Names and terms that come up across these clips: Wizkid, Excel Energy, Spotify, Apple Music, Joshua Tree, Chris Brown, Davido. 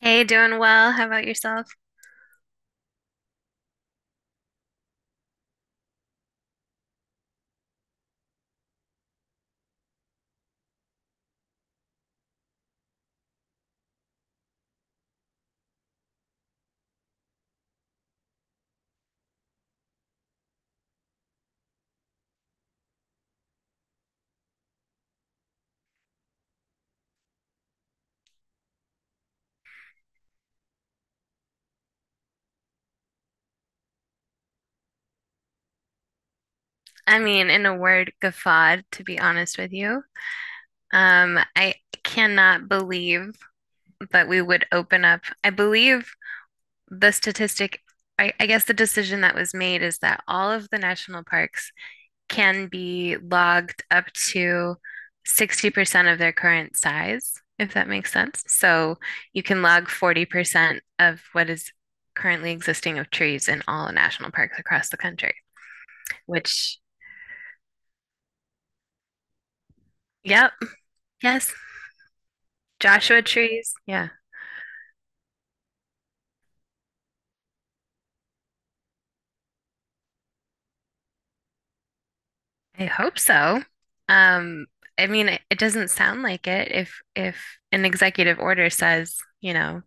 Hey, doing well. How about yourself? I mean, in a word, guffawed, to be honest with you. I cannot believe that we would open up. I believe the statistic, I guess the decision that was made is that all of the national parks can be logged up to 60% of their current size, if that makes sense. So you can log 40% of what is currently existing of trees in all national parks across the country, which... Yep. Yes. Joshua trees. Yeah, I hope so. Um, I mean, it doesn't sound like it. If an executive order says, you know,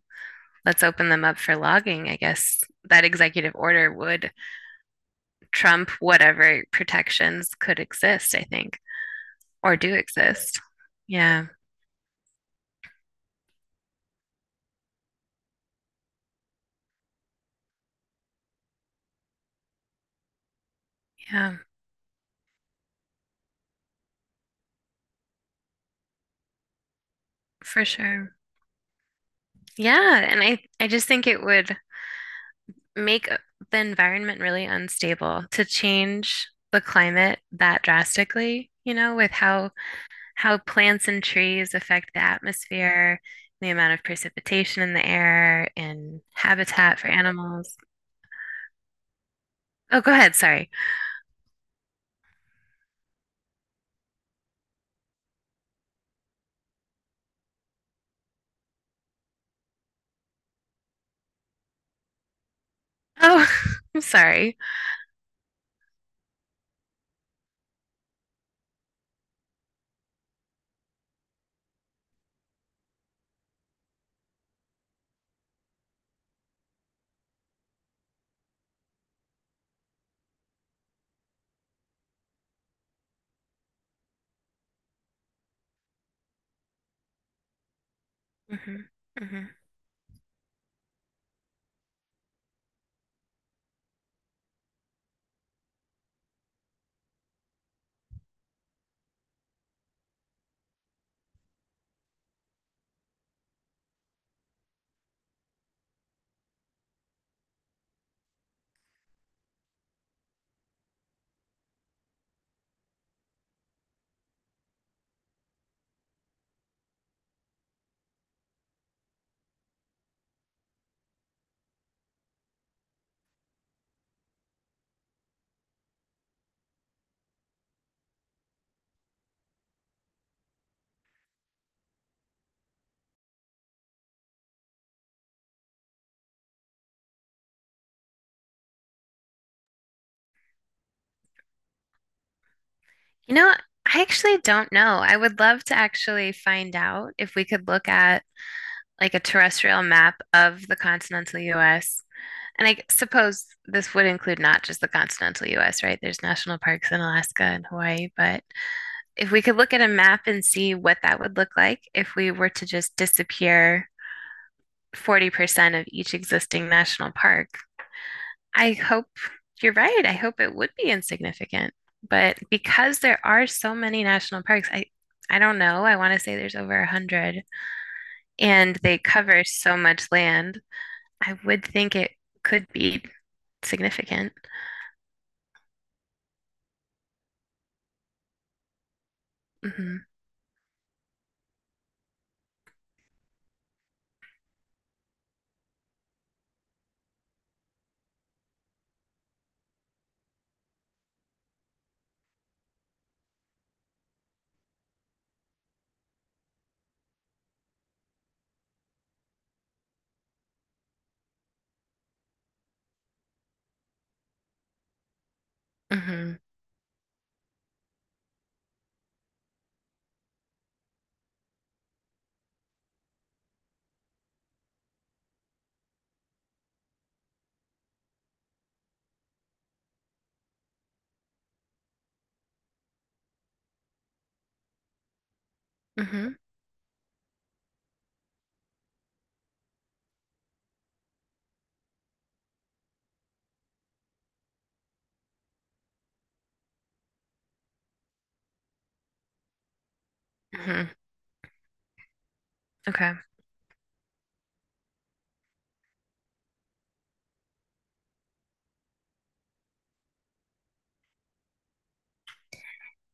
let's open them up for logging, I guess that executive order would trump whatever protections could exist, I think, or do exist. Yeah, yeah, for sure. Yeah, and I just think it would make the environment really unstable to change the climate that drastically, you know, with how plants and trees affect the atmosphere, the amount of precipitation in the air, and habitat for animals. Oh, go ahead. Sorry. Oh, I'm sorry. Hmm hmm You know, I actually don't know. I would love to actually find out if we could look at like a terrestrial map of the continental US. And I suppose this would include not just the continental US, right? There's national parks in Alaska and Hawaii, but if we could look at a map and see what that would look like if we were to just disappear 40% of each existing national park, I hope you're right. I hope it would be insignificant. But because there are so many national parks, I don't know. I want to say there's over 100 and they cover so much land. I would think it could be significant. Hmm hmm hmm hmm Okay.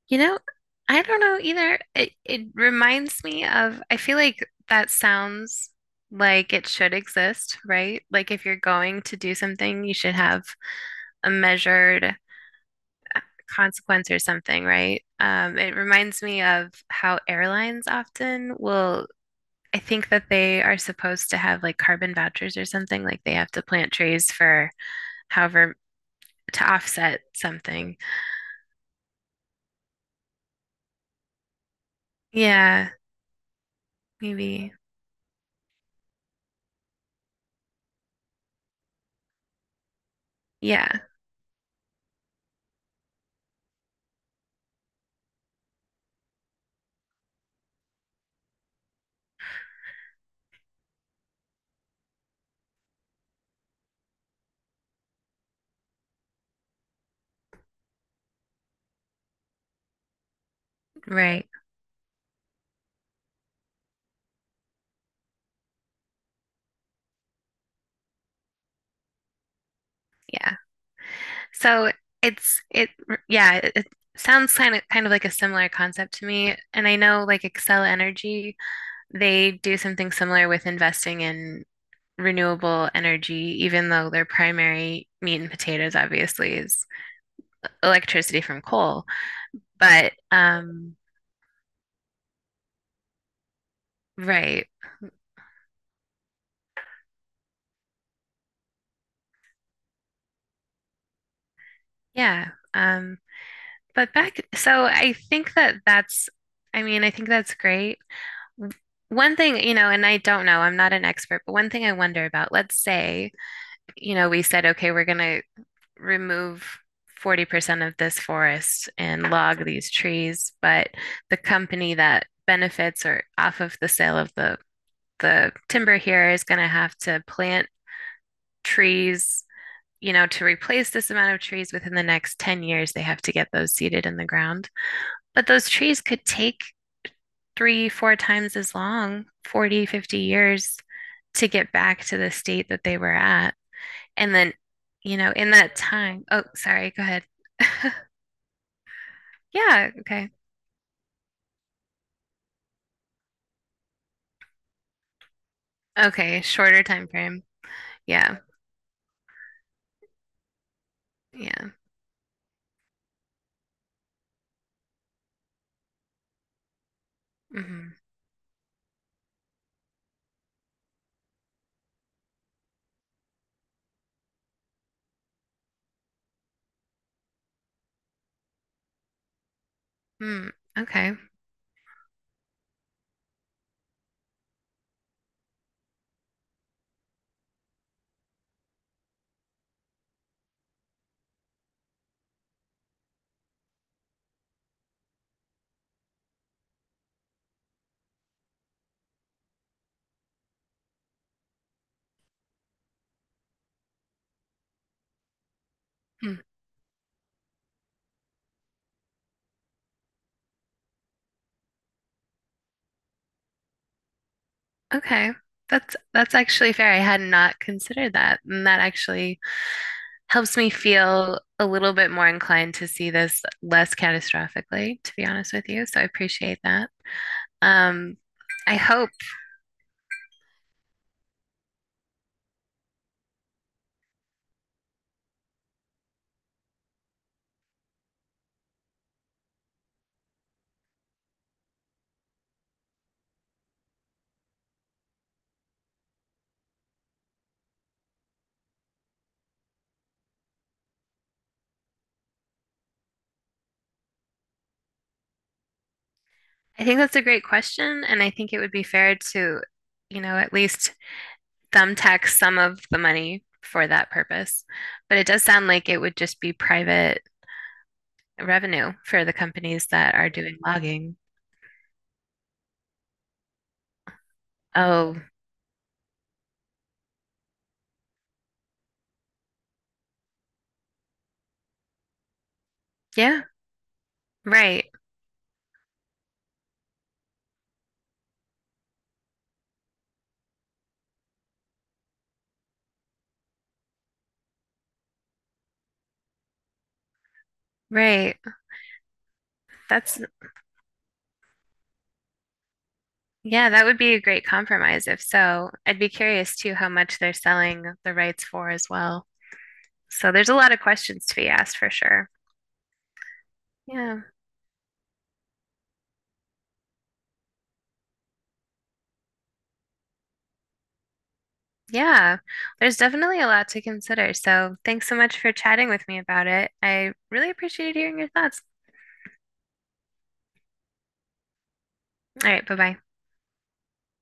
You know, I don't know either. It reminds me of, I feel like that sounds like it should exist, right? Like if you're going to do something, you should have a measured consequence or something, right? It reminds me of how airlines often will, I think that they are supposed to have like carbon vouchers or something, like they have to plant trees for however, to offset something. Yeah, maybe. Yeah, right. Yeah. So it yeah, it sounds kind of like a similar concept to me. And I know like Excel Energy, they do something similar with investing in renewable energy, even though their primary meat and potatoes obviously is electricity from coal. But right. Yeah. But back, I think that that's I mean, I think that's great. One thing, you know, and I don't know, I'm not an expert, but one thing I wonder about, let's say, you know, we said, okay, we're going to remove 40% of this forest and log these trees, but the company that benefits or off of the sale of the timber here is going to have to plant trees, you know, to replace this amount of trees within the next 10 years, they have to get those seeded in the ground. But those trees could take three, four times as long, 40, 50 years to get back to the state that they were at. And then, you know, in that time, oh, sorry, go ahead. Yeah, okay. Okay, shorter time frame. Yeah, yeah. Hmm. Hmm. Okay. Hmm. Okay. That's actually fair. I had not considered that, and that actually helps me feel a little bit more inclined to see this less catastrophically, to be honest with you. So I appreciate that. Um, I hope. I think that's a great question, and I think it would be fair to, you know, at least thumbtack some of the money for that purpose. But it does sound like it would just be private revenue for the companies that are doing logging. Oh, yeah, right, right. That's, yeah, that would be a great compromise if so. I'd be curious too how much they're selling the rights for as well. So there's a lot of questions to be asked for sure. Yeah, yeah, there's definitely a lot to consider. So thanks so much for chatting with me about it. I really appreciated hearing your thoughts. All right, bye bye.